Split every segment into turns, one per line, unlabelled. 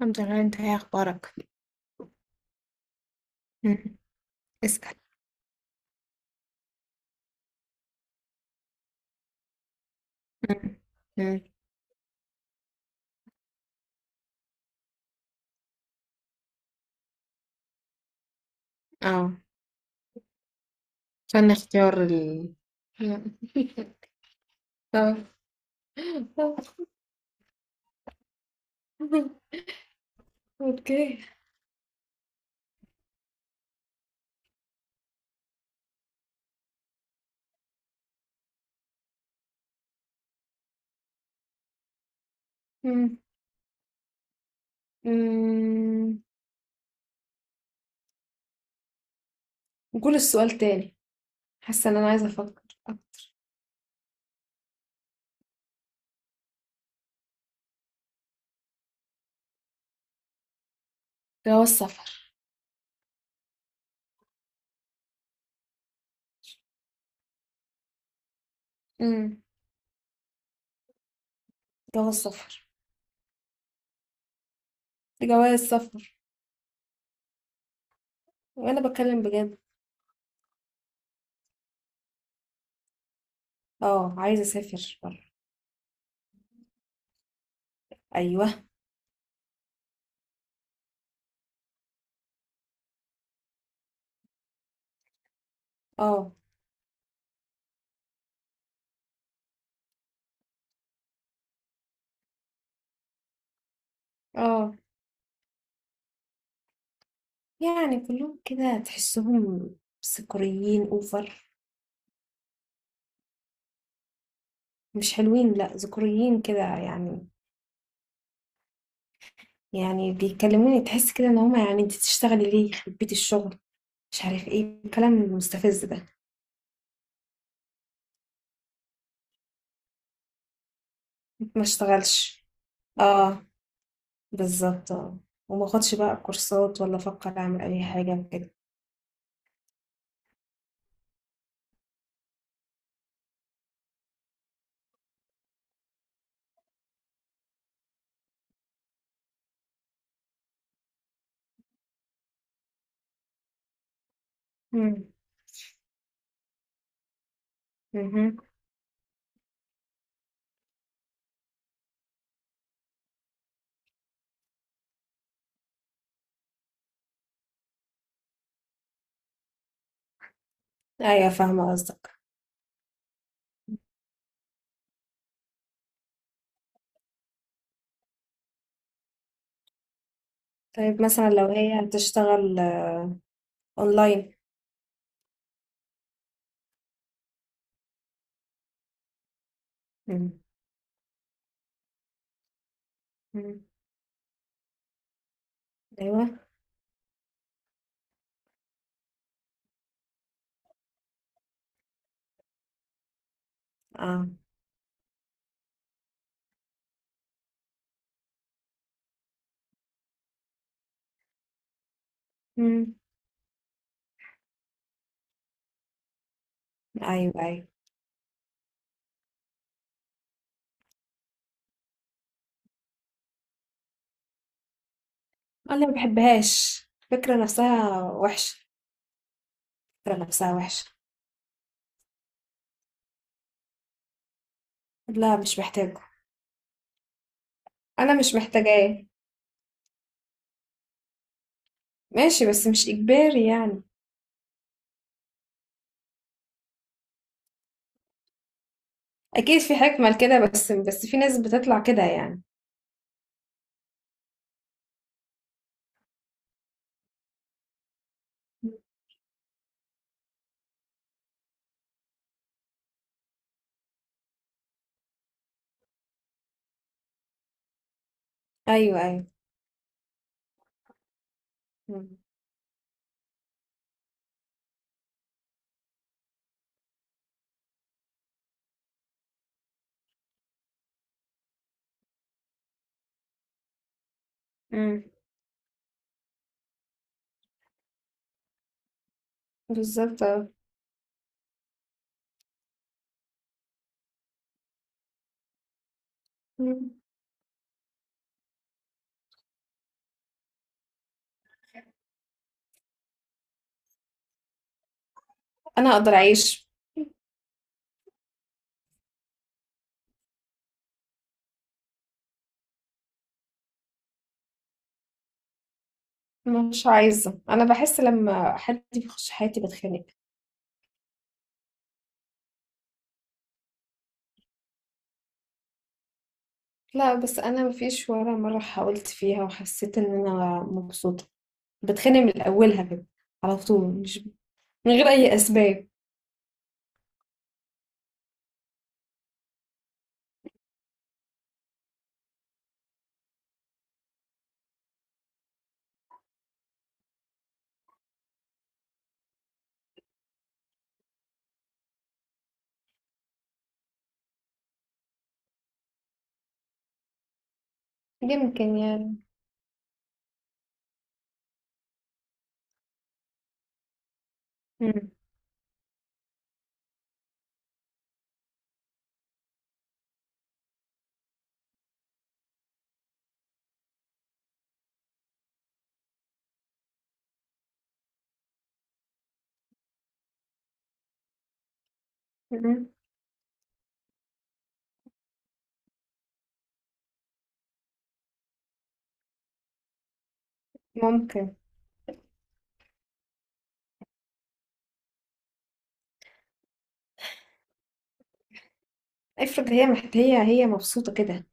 الحمد لله، انت ايه اخبارك؟ مم. اسأل. مم. مم. اه. عشان اختيار مم. اه. اوكي. مم. مم. قول السؤال تاني. حاسة ان انا عايزة افكر. جواز سفر. مم. جواز سفر. جواز سفر. وانا بتكلم بجد. اه، عايزة اسافر بره. ايوه. اه. اه، يعني كلهم كده تحسهم سكريين اوفر. مش حلوين، لا، ذكوريين كده يعني. يعني بيكلموني تحس كده ان هما يعني انت تشتغلي ليه يخرب بيت الشغل. مش عارف ايه الكلام المستفز ده. ما اشتغلش. اه. بالظبط اه. وما اخدش بقى كورسات ولا افكر اعمل اي حاجه كده. امم. امم. ايوه، فاهمه قصدك. طيب مثلا لو هي هتشتغل آه، اونلاين. امم. أمم. ايوه. اه. امم. ايوه ايوه. انا ما بحبهاش. الفكره نفسها وحشه. الفكره نفسها وحشه. لا، مش محتاجة. انا مش محتاجاه. ماشي، بس مش اجباري يعني. اكيد في حكمة لكده، بس في ناس بتطلع كده يعني. ايوه ايوه. مم. مم. بالظبط آه. مم. انا اقدر اعيش. مش عايزة، انا بحس لما حد بيخش حياتي بتخانق. لا بس انا مفيش ولا مرة حاولت فيها وحسيت ان انا مبسوطة. بتخانق من اولها كده، على طول، مش من غير اي اسباب. يمكن يعني. مم. مم. ممكن. افرض هي محت... هي هي مبسوطة كده.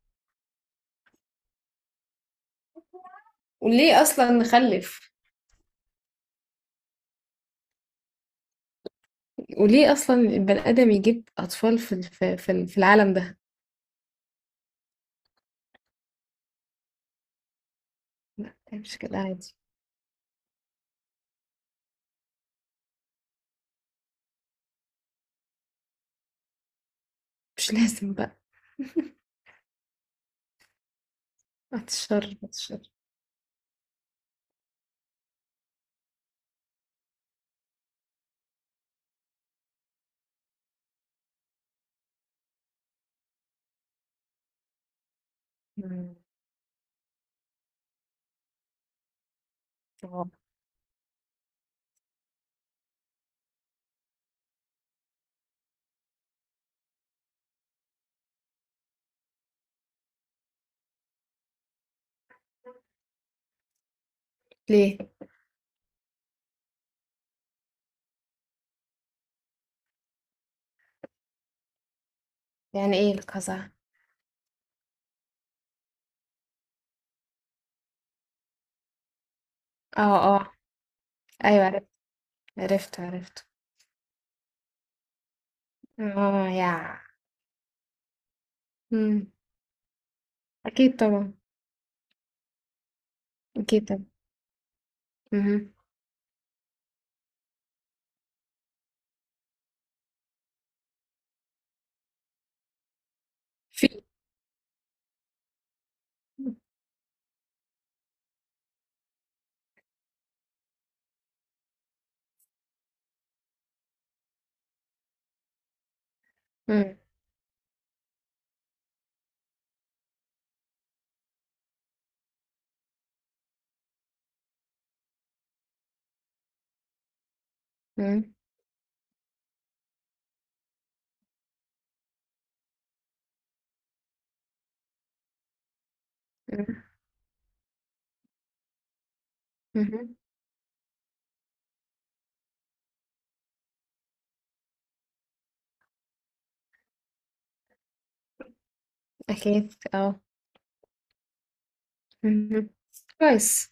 وليه اصلا نخلف؟ وليه اصلا البني ادم يجيب اطفال في الف- في ال- في العالم ده؟ لا، مش كده عادي. مش لازم بقى. بعد الشر، بعد الشر. مم. اه. ليه؟ يعني ايه القزع؟ اه اه. ايوه عرفت. عرفت عرفت. اه يا. مم. اكيد طبعا. اكيد طبعا. مهم. في. مم. مم. مم. مهم. اكيد اه. مهم. كويس.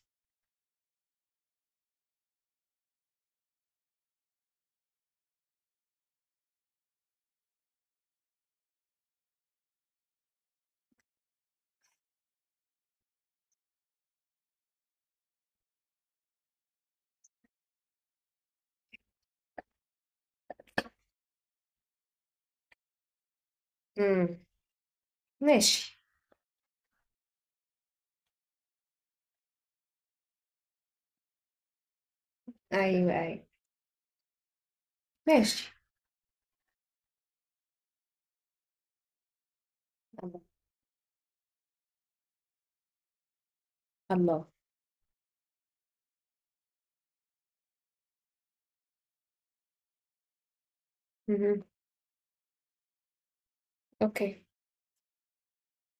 مم. ماشي. أيوه، أيوه. ماشي. الله. الله. اهم. أوكي.